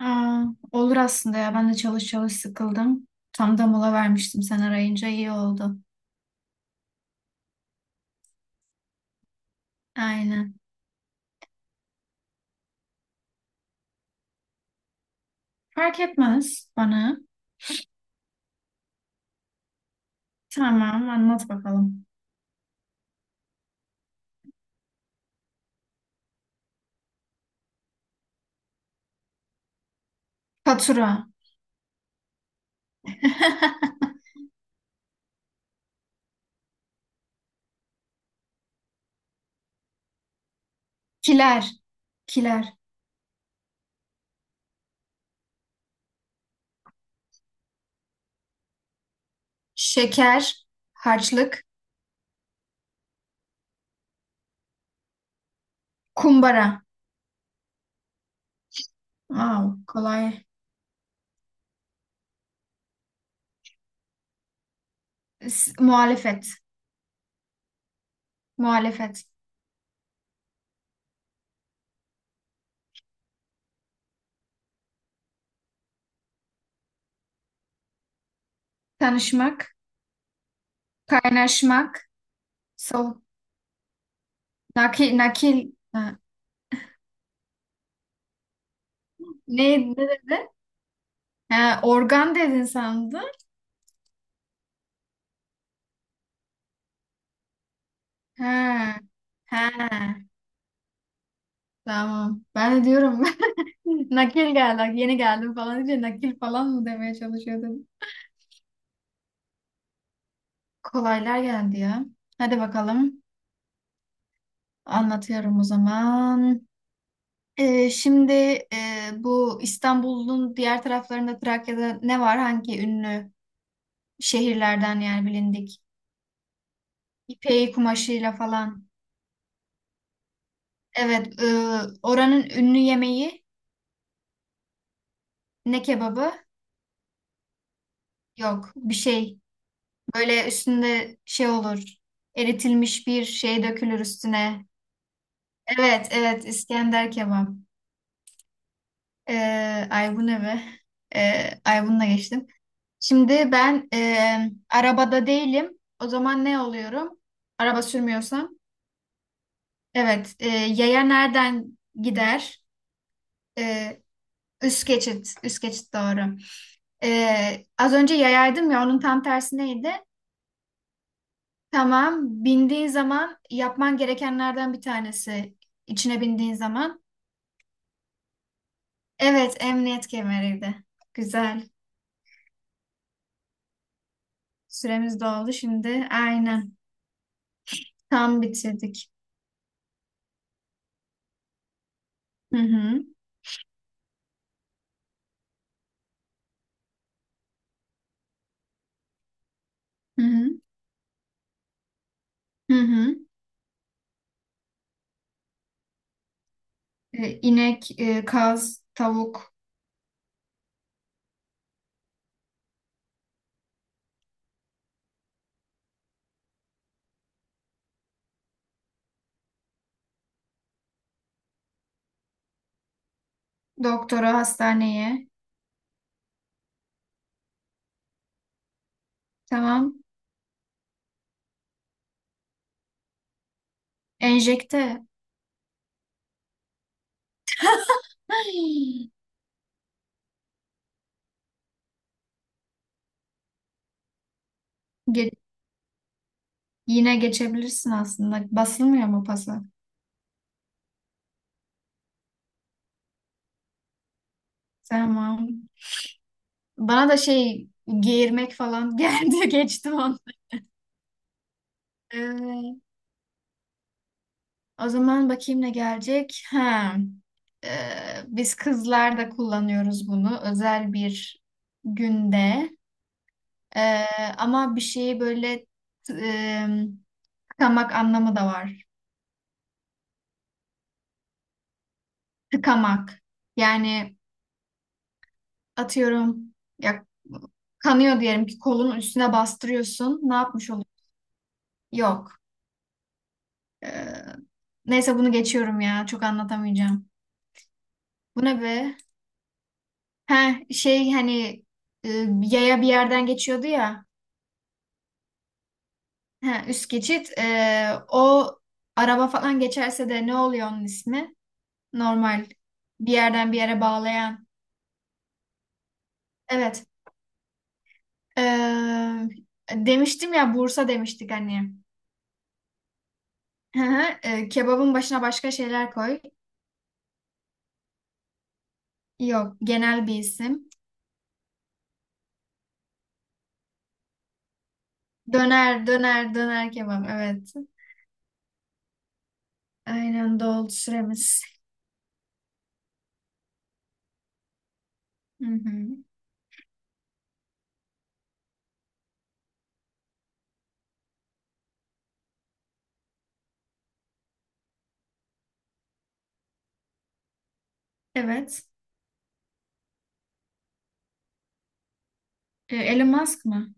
Aa, olur aslında ya. Ben de çalış çalış sıkıldım. Tam da mola vermiştim, sen arayınca iyi oldu. Aynen. Fark etmez bana. Tamam, anlat bakalım. Fatura. Kiler. Kiler. Şeker. Harçlık. Kumbara. Wow, kolay. Muhalefet. Muhalefet. Tanışmak. Kaynaşmak. Sol. Nakil. Nakil. Ha, ne dedi? Ha, organ dedin sandım. Ha. Ha. Tamam. Ben de diyorum nakil geldi. Yeni geldim falan diye nakil falan mı demeye çalışıyordum. Kolaylar geldi ya. Hadi bakalım. Anlatıyorum o zaman. Şimdi bu İstanbul'un diğer taraflarında Trakya'da ne var? Hangi ünlü şehirlerden, yani bilindik? İpeği kumaşıyla falan. Evet, oranın ünlü yemeği ne kebabı? Yok, bir şey. Böyle üstünde şey olur. Eritilmiş bir şey dökülür üstüne. Evet, evet. İskender kebap. Ee, ay bu ne be? Ay bununla geçtim. Şimdi ben arabada değilim. O zaman ne oluyorum? Araba sürmüyorsam. Evet. Yaya nereden gider? E, üst geçit. Üst geçit doğru. Az önce yayaydım ya, onun tam tersi neydi? Tamam. Bindiğin zaman yapman gerekenlerden bir tanesi. İçine bindiğin zaman. Evet, emniyet kemeriydi. Güzel. Süremiz doldu şimdi. Aynen. Tam bitirdik. Hı hı. Hı hı. Hı hı. İnek, kaz, tavuk, doktora, hastaneye. Tamam. Enjekte. Ay! Ge- yine geçebilirsin aslında. Basılmıyor mu pasa? Tamam. Bana da şey geğirmek falan geldi. Geçtim onu. Evet. O zaman bakayım ne gelecek. Ha. Ee, biz kızlar da kullanıyoruz bunu özel bir günde. Ee, ama bir şeyi böyle e, tıkamak anlamı da var. Tıkamak. Yani atıyorum ya, kanıyor diyelim ki kolun üstüne bastırıyorsun. Ne yapmış oluyor? Yok. Ee, neyse bunu geçiyorum ya. Çok anlatamayacağım. Bu ne be? Ha şey, hani e, yaya bir yerden geçiyordu ya. Ha, üst geçit. O araba falan geçerse de ne oluyor onun ismi? Normal bir yerden bir yere bağlayan. Evet. Ee, demiştim ya Bursa demiştik hani. Hı hı. Kebabın başına başka şeyler koy. Yok, genel bir isim. Döner, döner, döner kebap. Evet. Aynen, doldu süremiz. Hı hı. Evet. Elon Musk mı?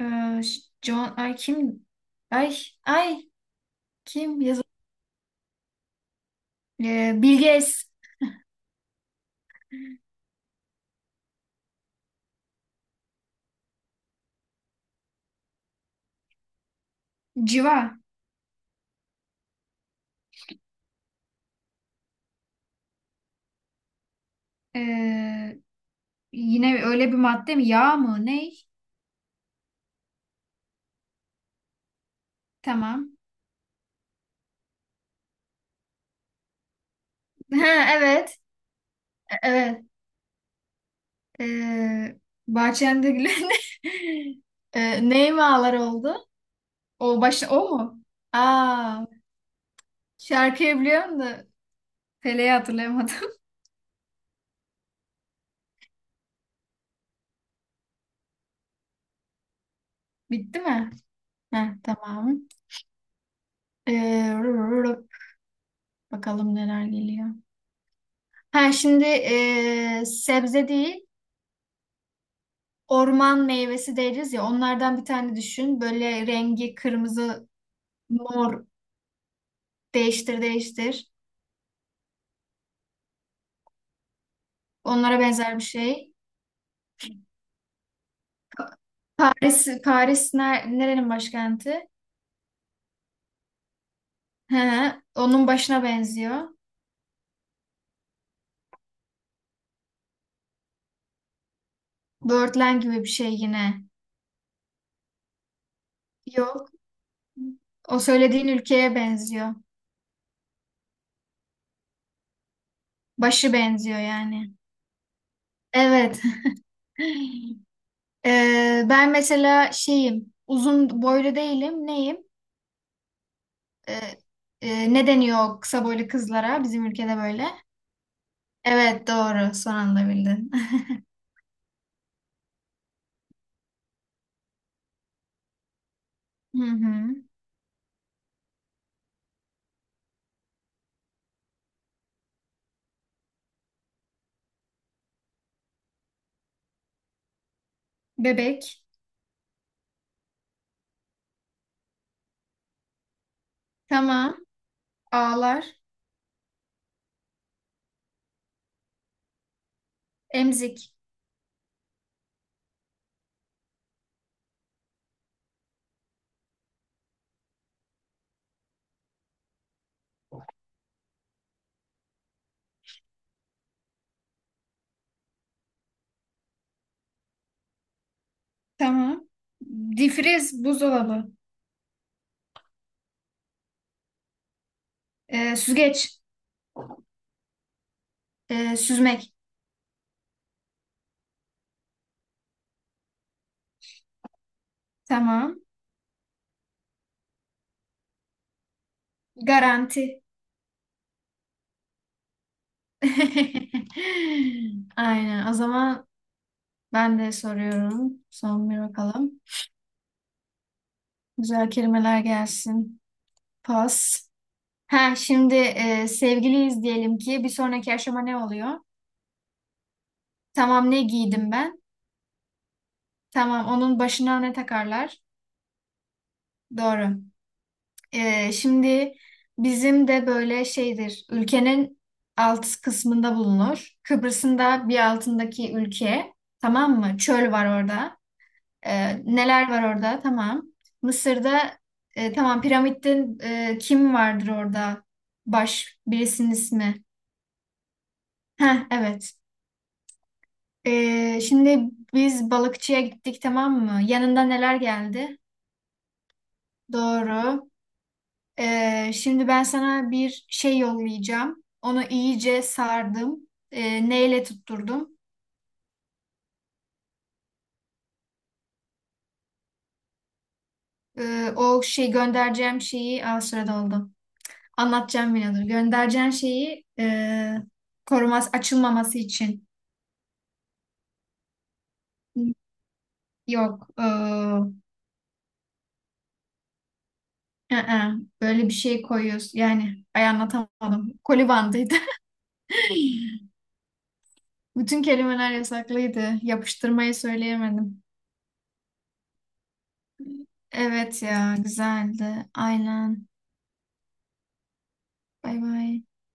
Ee, John, ay kim? Ay, ay kim? Yazı Bill Gates. Civa. Ee, yine öyle bir madde mi? Yağ mı? Ney? Tamam. Ha, evet. Evet. Ee, bahçende gülen. Ney mi ağlar oldu? O başta o mu? Aa, şarkıyı biliyorum da. Pele'yi hatırlayamadım. Bitti mi? Heh, tamam. Ee, rup, bakalım neler geliyor. Ha şimdi sebze değil, orman meyvesi deriz ya. Onlardan bir tane düşün. Böyle rengi kırmızı. Mor. Değiştir değiştir. Onlara benzer bir şey. Paris, Paris nerenin başkenti? He, onun başına benziyor. Birdland gibi bir şey yine. Yok. O söylediğin ülkeye benziyor. Başı benziyor yani. Evet. Ben mesela şeyim. Uzun boylu değilim. Neyim? Ee, ne deniyor o kısa boylu kızlara bizim ülkede böyle? Evet, doğru. Son anda bildin. Hı hı. Bebek. Tamam. Ağlar. Emzik. Tamam. Difriz. Buzdolabı. Süzgeç. Süzmek. Tamam. Garanti. Aynen. O zaman ben de soruyorum. Son bir bakalım. Güzel kelimeler gelsin. Pas. Ha şimdi sevgiliyiz diyelim ki bir sonraki aşama ne oluyor? Tamam, ne giydim ben? Tamam, onun başına ne takarlar? Doğru. Şimdi bizim de böyle şeydir. Ülkenin alt kısmında bulunur. Kıbrıs'ın da bir altındaki ülke. Tamam mı? Çöl var orada. Neler var orada? Tamam. Mısır'da tamam piramitte kim vardır orada? Baş birisinin ismi. Heh, evet. Şimdi biz balıkçıya gittik, tamam mı? Yanında neler geldi? Doğru. Şimdi ben sana bir şey yollayacağım. Onu iyice sardım. Neyle tutturdum? O şey göndereceğim şeyi. Aa, sürede doldu. Anlatacağım yine, dur. Göndereceğim şeyi koruması açılmaması için. Yok. I-ı, böyle bir şey koyuyoruz. Yani ay anlatamadım. Kolibandıydı. Bütün kelimeler yasaklıydı. Yapıştırmayı söyleyemedim. Evet ya, güzeldi. Aynen. Bay bay.